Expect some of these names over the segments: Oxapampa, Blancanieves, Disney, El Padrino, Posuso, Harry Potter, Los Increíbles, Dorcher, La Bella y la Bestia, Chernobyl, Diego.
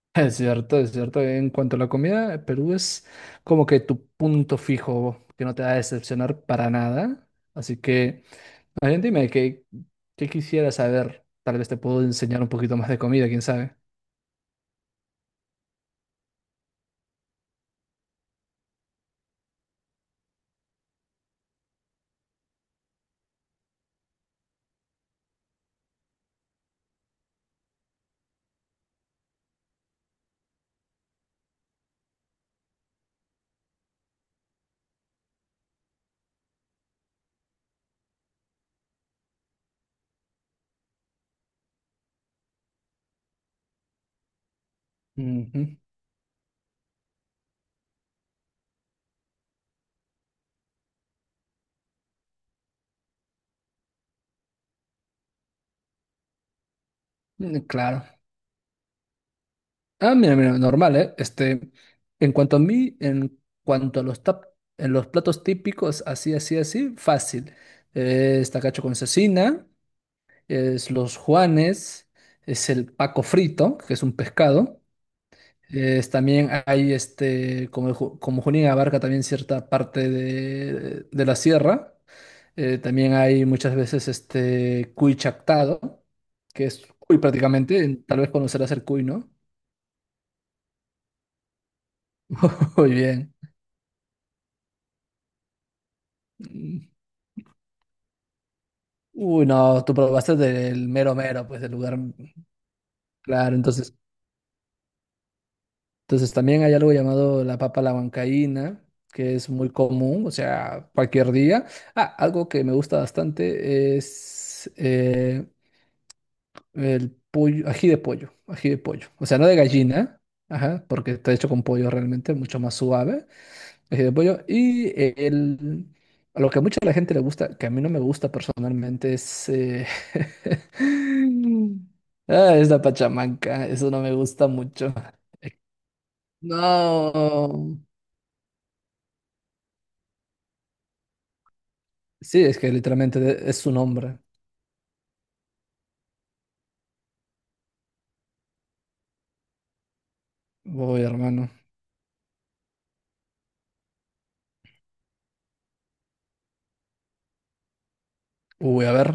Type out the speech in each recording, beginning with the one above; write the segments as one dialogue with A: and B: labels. A: Es cierto, es cierto. En cuanto a la comida, Perú es como que tu punto fijo que no te va a decepcionar para nada. Así que, a ver, dime, ¿qué quisieras saber? Tal vez te puedo enseñar un poquito más de comida, quién sabe. Ujú. Mm, Claro. Ah, mira, normal, ¿eh? En cuanto a mí, en cuanto a los tap- en los platos típicos, así, así, así, fácil. Es tacacho con cecina, es los juanes, es el paco frito, que es un pescado. También hay, como, como Junín abarca también cierta parte de la sierra, también hay muchas veces cuy chactado, que es cuy prácticamente. Tal vez conocerás el cuy, ¿no? Muy bien. Mm. Uy, no, tú probaste del mero mero, pues del lugar, claro. Entonces, entonces también hay algo llamado la papa a la huancaína, que es muy común, o sea, cualquier día. Ah, algo que me gusta bastante es el pollo, ají de pollo, ají de pollo. O sea, no de gallina, ajá, porque está hecho con pollo realmente, mucho más suave, ají de pollo. Y el, a lo que a mucha la gente le gusta, que a mí no me gusta personalmente, ah, es la pachamanca, eso no me gusta mucho. No, sí, es que literalmente es su nombre. Uy, hermano. Uy, a ver,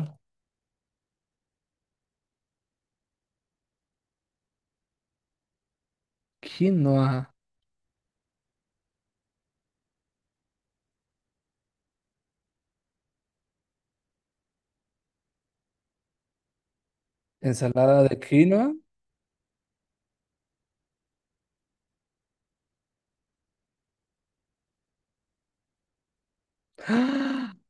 A: quinoa, ensalada de quinoa.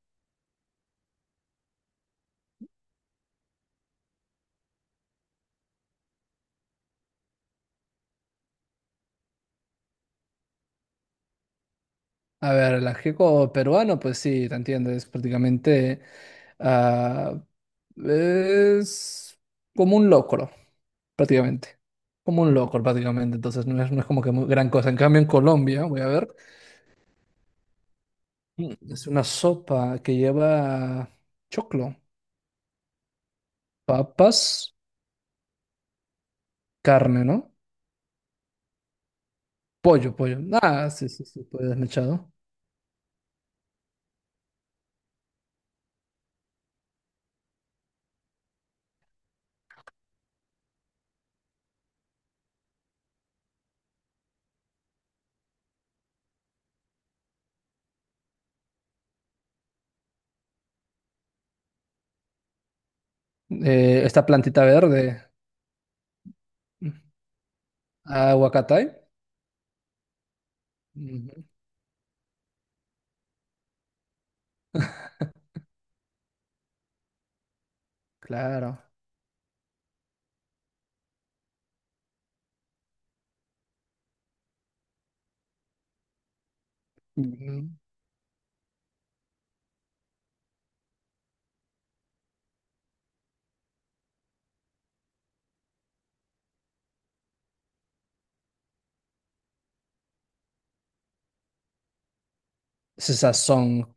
A: A ver, el ajiaco peruano, pues sí, te entiendo, es prácticamente, ah, es como un locro, prácticamente, como un locro prácticamente, entonces no es como que muy gran cosa. En cambio, en Colombia, voy a ver, mm, es una sopa que lleva choclo, papas, carne, ¿no? Pollo, pollo, ah, sí, sí, sí, pollo desmechado. Esta plantita verde, mm, aguacatay, ujú, claro, mm, ese sazón.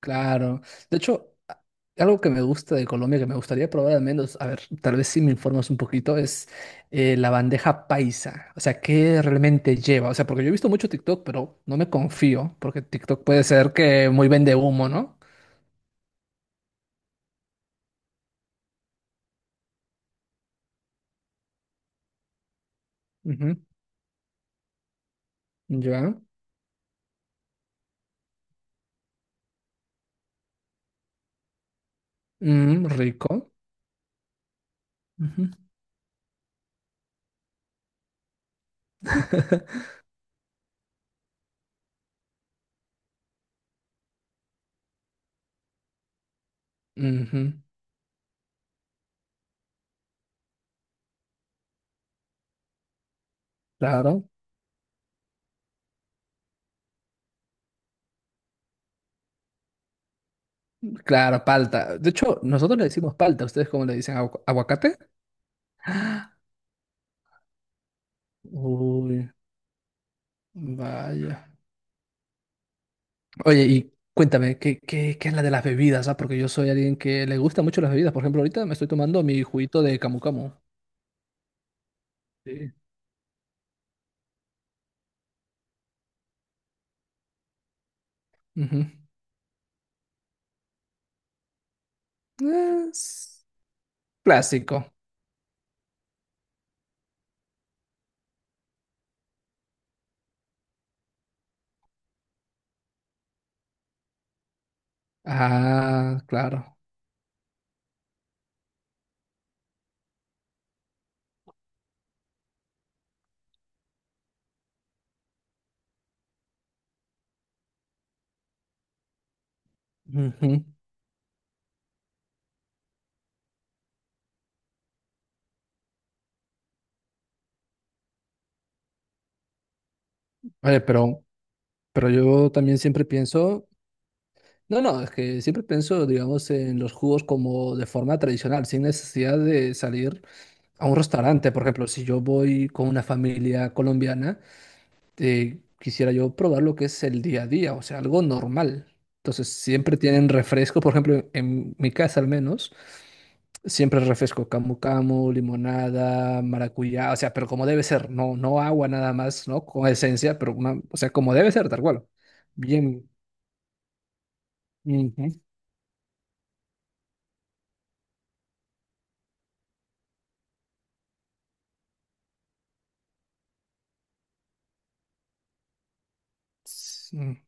A: Claro. De hecho, algo que me gusta de Colombia, que me gustaría probar al menos, a ver, tal vez si me informas un poquito, es la bandeja paisa. O sea, ¿qué realmente lleva? O sea, porque yo he visto mucho TikTok, pero no me confío, porque TikTok puede ser que muy vende humo, ¿no? Ujú. Ya. Mm, rico. Ujú. Ujú. Claro. Claro, palta. De hecho, nosotros le decimos palta. ¿Ustedes cómo le dicen? ¿Aguacate? Uy, vaya. Oye, y cuéntame, ¿qué, qué es la de las bebidas? ¿Ah? Porque yo soy alguien que le gusta mucho las bebidas. Por ejemplo, ahorita me estoy tomando mi juguito de camu camu. Sí. Ujú. Es clásico. Ah, claro. Ujú. Oye, pero yo también siempre pienso, no, no, es que siempre pienso, digamos, en los jugos como de forma tradicional, sin necesidad de salir a un restaurante. Por ejemplo, si yo voy con una familia colombiana, quisiera yo probar lo que es el día a día, o sea, algo normal. Entonces, siempre tienen refresco, por ejemplo, en mi casa al menos, siempre refresco camu camu, limonada, maracuyá, o sea, pero como debe ser, no, no agua nada más, ¿no? Con esencia, pero una, o sea, como debe ser, tal cual. Bien. Ujú. Sí.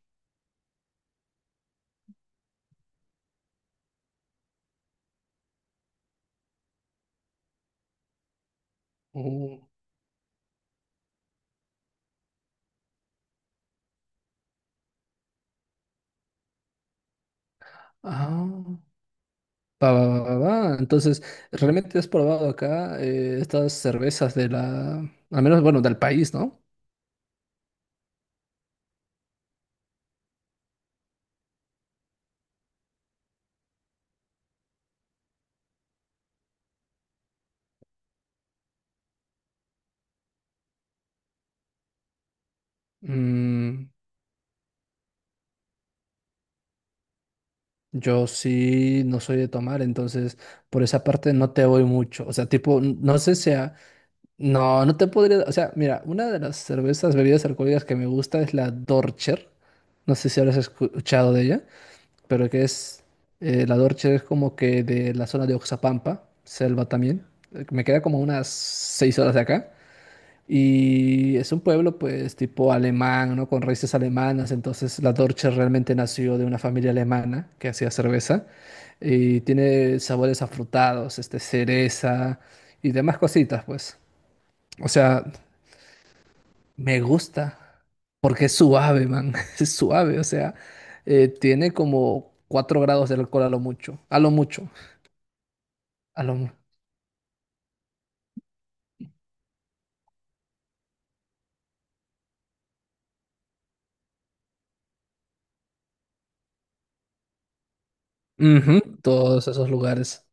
A: Oh. Ah. Va, va, va, va, va. Entonces, ¿realmente has probado acá estas cervezas de la, al menos, bueno, del país, ¿no? Mm, Yo sí no soy de tomar, entonces por esa parte no te voy mucho. O sea, tipo, no sé si sea, no, no te podría, o sea, mira, una de las cervezas, bebidas alcohólicas que me gusta es la Dorcher. No sé si habrás escuchado de ella, pero que es, la Dorcher es como que de la zona de Oxapampa, selva también. Me queda como unas 6 horas de acá. Y es un pueblo, pues, tipo alemán, ¿no? Con raíces alemanas. Entonces, la Dorche realmente nació de una familia alemana que hacía cerveza. Y tiene sabores afrutados, este, cereza y demás cositas, pues. O sea, me gusta porque es suave, man. Es suave, o sea, tiene como 4 grados de alcohol a lo mucho. A lo mucho. A lo mu- Ujú, Todos esos lugares.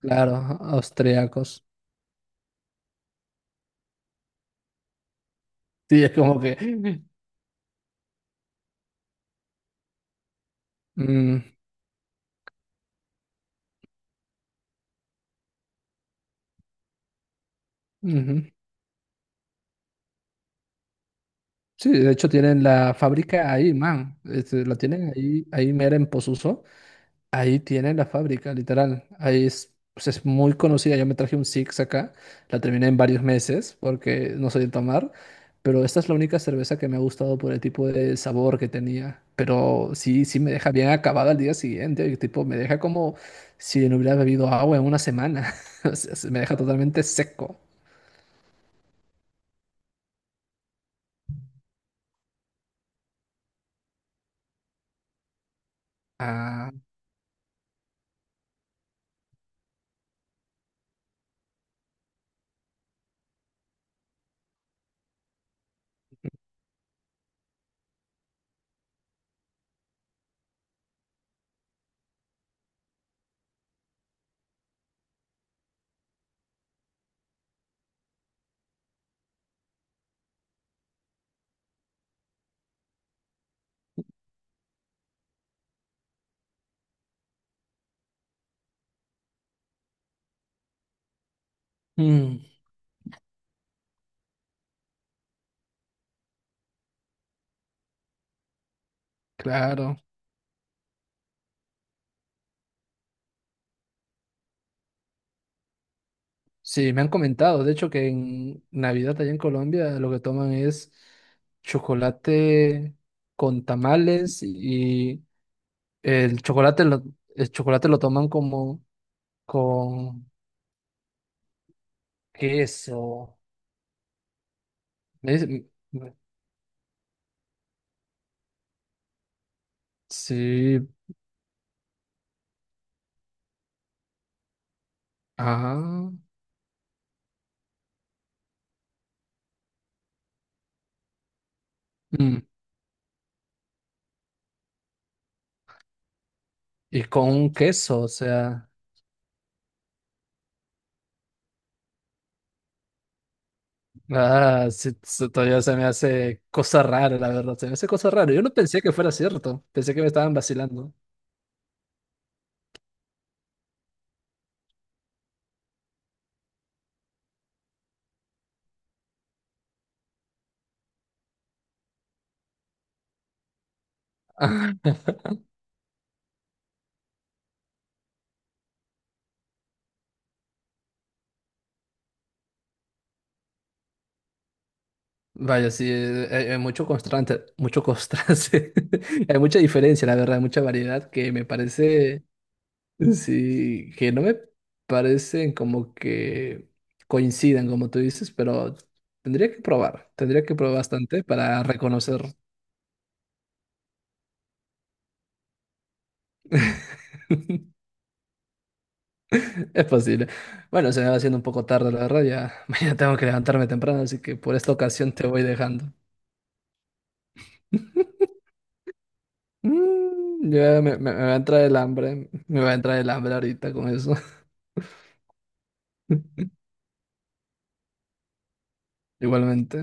A: Claro, austriacos. Sí, es como que. Mm, Ujú. Sí, de hecho tienen la fábrica ahí, man. Este, la tienen ahí, ahí mera en Posuso. Ahí tienen la fábrica, literal. Ahí es, pues es muy conocida. Yo me traje un Six acá. La terminé en varios meses porque no soy de tomar. Pero esta es la única cerveza que me ha gustado por el tipo de sabor que tenía. Pero sí, sí me deja bien acabada al día siguiente. Y Tipo, me deja como si no hubiera bebido agua en una semana. O sea, se me deja totalmente seco. Ah, mm, claro. Sí, me han comentado, de hecho, que en Navidad allá en Colombia lo que toman es chocolate con tamales y el chocolate lo, el chocolate lo toman como con queso. Es- Sí, ah, mm, y con un queso, o sea, ah, sí, sí, todavía se me hace cosa rara, la verdad, se me hace cosa rara. Yo no pensé que fuera cierto, pensé que me estaban vacilando. Vaya, sí, hay, mucho constante, hay mucha diferencia, la verdad, mucha variedad que me parece, sí, que no me parecen como que coincidan, como tú dices, pero tendría que probar bastante para reconocer. Es posible. Bueno, se me va haciendo un poco tarde, la verdad, ya mañana tengo que levantarme temprano, así que por esta ocasión te voy dejando. Mm, me va a entrar el hambre, me va a entrar el hambre ahorita con eso. Igualmente.